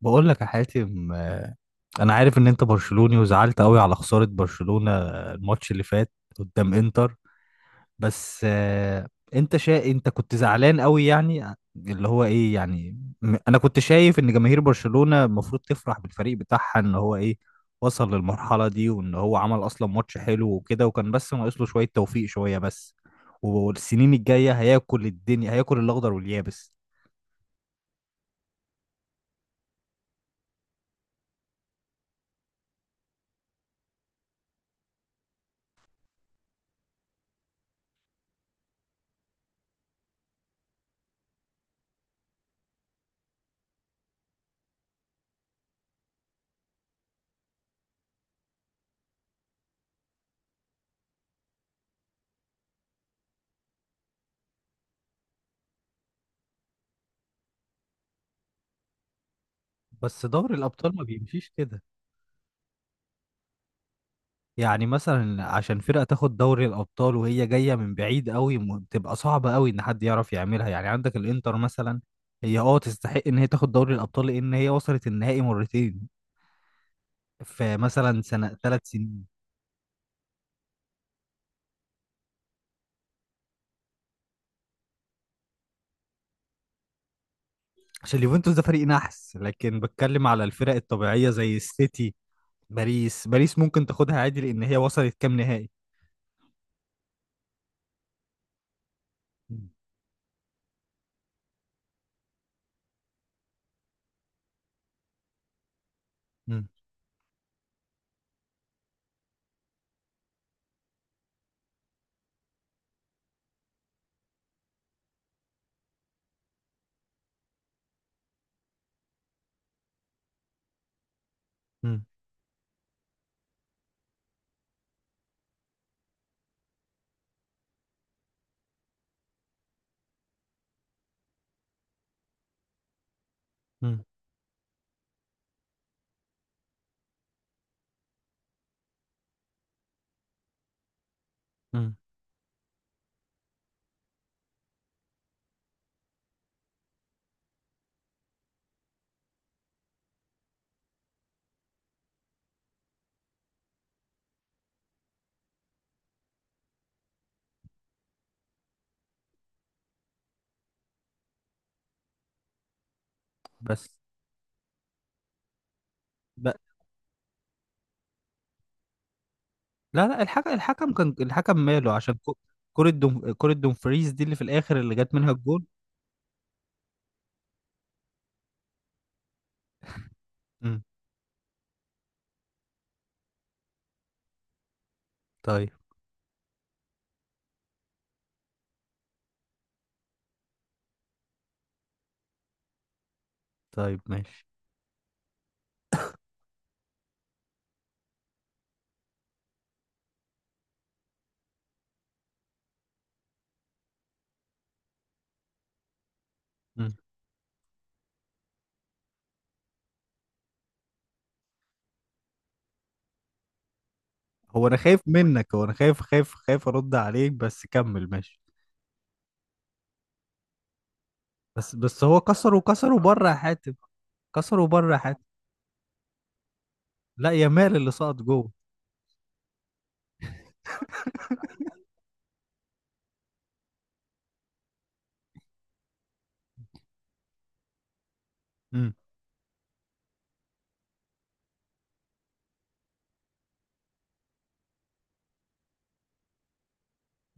بقول لك يا حاتم، انا عارف ان انت برشلوني وزعلت قوي على خسارة برشلونة الماتش اللي فات قدام انتر. بس انت كنت زعلان قوي، يعني اللي هو ايه. يعني انا كنت شايف ان جماهير برشلونة المفروض تفرح بالفريق بتاعها، ان هو ايه، وصل للمرحلة دي، وان هو عمل اصلا ماتش حلو وكده، وكان بس ناقص له شوية توفيق، شوية بس، والسنين الجاية هياكل الدنيا، هياكل الاخضر واليابس. بس دوري الابطال ما بيمشيش كده. يعني مثلا عشان فرقة تاخد دوري الأبطال وهي جاية من بعيد قوي، بتبقى صعبة قوي إن حد يعرف يعملها. يعني عندك الإنتر مثلا، هي اه تستحق إن هي تاخد دوري الأبطال لأن هي وصلت النهائي مرتين في مثلا سنة، ثلاث سنين. عشان اليوفنتوس ده فريق نحس، لكن بتكلم على الفرق الطبيعية زي السيتي. باريس، باريس ممكن تاخدها عادي لأن هي وصلت كام نهائي. مم. مم. مم. مم. بس ب- لا لا، الحكم كان الحكم ماله عشان كرة دومفريز دي اللي في الآخر اللي جت منها الجول. امم. طيب. طيب ماشي. امم. هو أنا خايف منك، هو أنا خايف أرد عليك، بس كمل ماشي. بس هو كسر، وكسر وبره يا حاتم. كسر وبره يا حاتم. لا يا مال اللي سقط جوه. امم.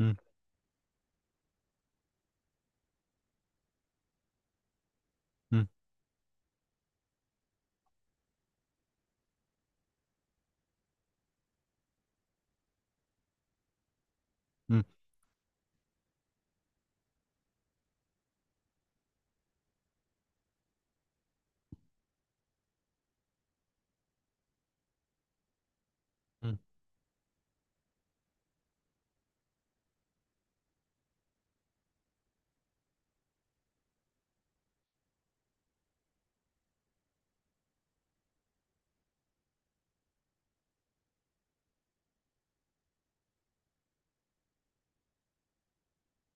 امم. امم. امم. امم.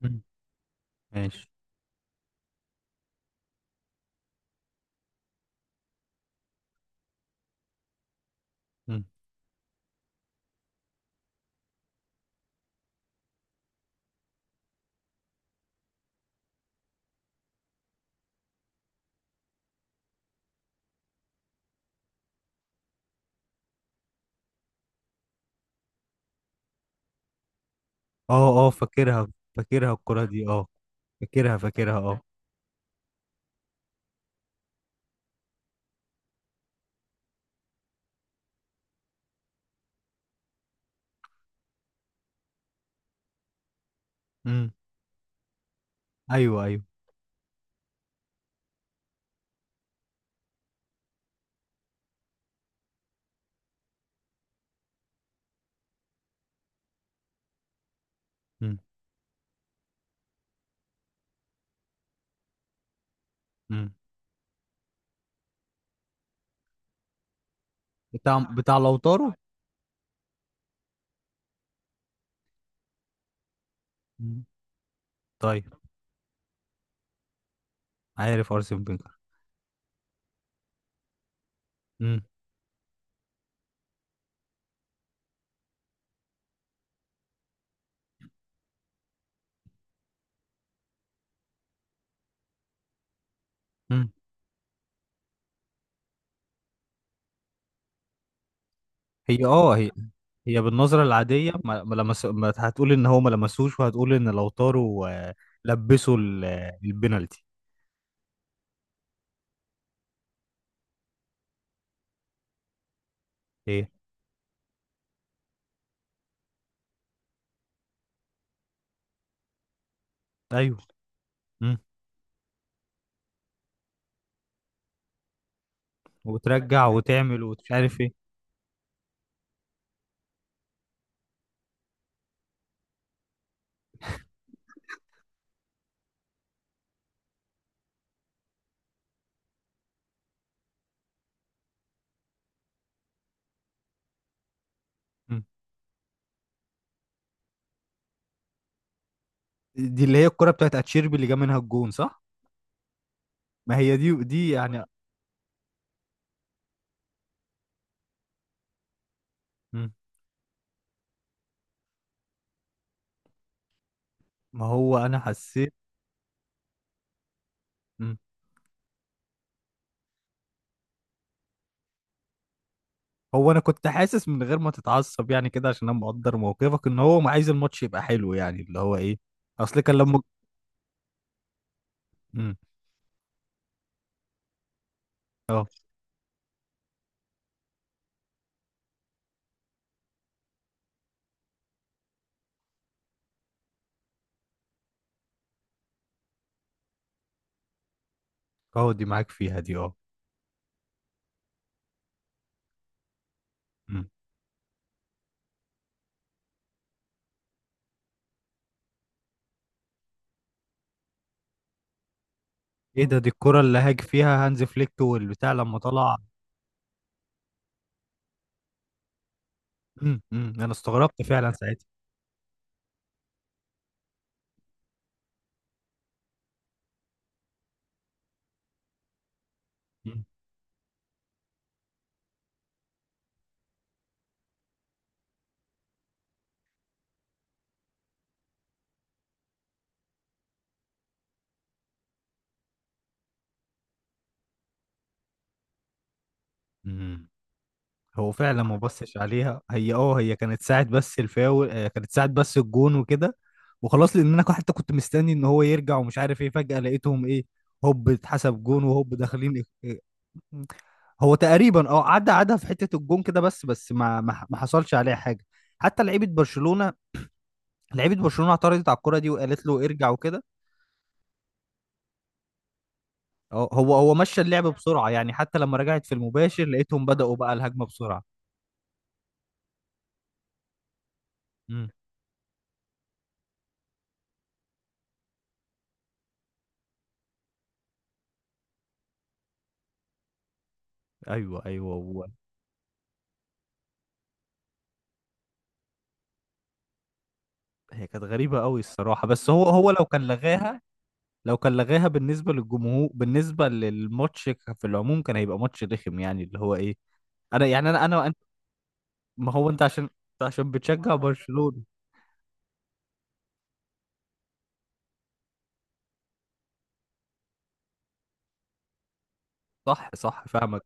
امم. ماشي. امم. اه اه، فاكرها، فاكرها الكرة دي اه. فاكرها فاكرها اه. امم. ايوه ايوه. امم. امم. بتاع لوتارو. طيب. عارف ارسن فينجر. امم. امم. هي اه، هي بالنظره العاديه ما لمس. ما هتقول ان هو ما لمسوش، وهتقول ان لو طاروا لبسوا البنالتي. ايه. ايوه. امم. وترجع وتعمل ومش عارف ايه. مم. دي اللي هي الكره بتاعت اتشيربي اللي جاب منها الجون، صح؟ ما هي دي يعني. مم. ما هو انا حسيت. مم. هو انا كنت حاسس من غير ما تتعصب يعني كده، عشان انا مقدر موقفك ان هو عايز الماتش يبقى حلو، يعني اللي هو ايه. اصل كان لما. مم. اه اه، دي معاك فيها دي اه. مم. ايه ده، دي الكرة اللي هاج فيها هانز فليك والبتاع لما طلع. مم. مم. انا استغربت فعلا ساعتها. مم. مم. هو فعلا ما بصش عليها، هي اه، هي كانت ساعة بس الفاول كانت ساعة بس الجون وكده وخلاص، لان انا حتى كنت مستني ان هو يرجع ومش عارف ايه، فجأة لقيتهم ايه، هوب اتحسب جون وهوب داخلين إيه. إيه. هو تقريبا اه عدى، عدى في حتة الجون كده، بس بس ما ما ما حصلش عليها حاجة حتى. لعيبة برشلونة، لعيبه برشلونه اعترضت على الكره دي وقالت له ارجع وكده. هو مشى اللعب بسرعه يعني، حتى لما رجعت في المباشر لقيتهم بداوا بقى الهجمه بسرعه. امم. ايوه ايوه. هو هي كانت غريبه قوي الصراحه، بس هو لو كان لغاها، لو كان لغاها بالنسبه للجمهور، بالنسبه للماتش، في العموم كان هيبقى ماتش رخم، يعني اللي هو ايه. انا يعني انا ما هو انت، عشان أنت عشان بتشجع برشلونه. صح صح، فاهمك.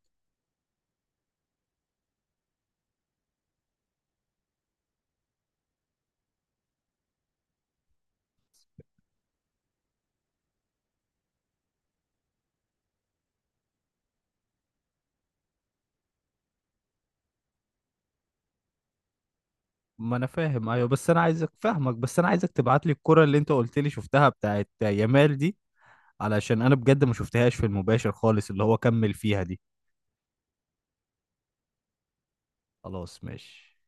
ما انا فاهم، ايوه، بس انا عايزك تبعت لي الكره اللي انت قلت لي شفتها بتاعت يامال دي، علشان انا بجد ما شفتهاش في المباشر خالص، اللي هو كمل فيها دي. خلاص ماشي.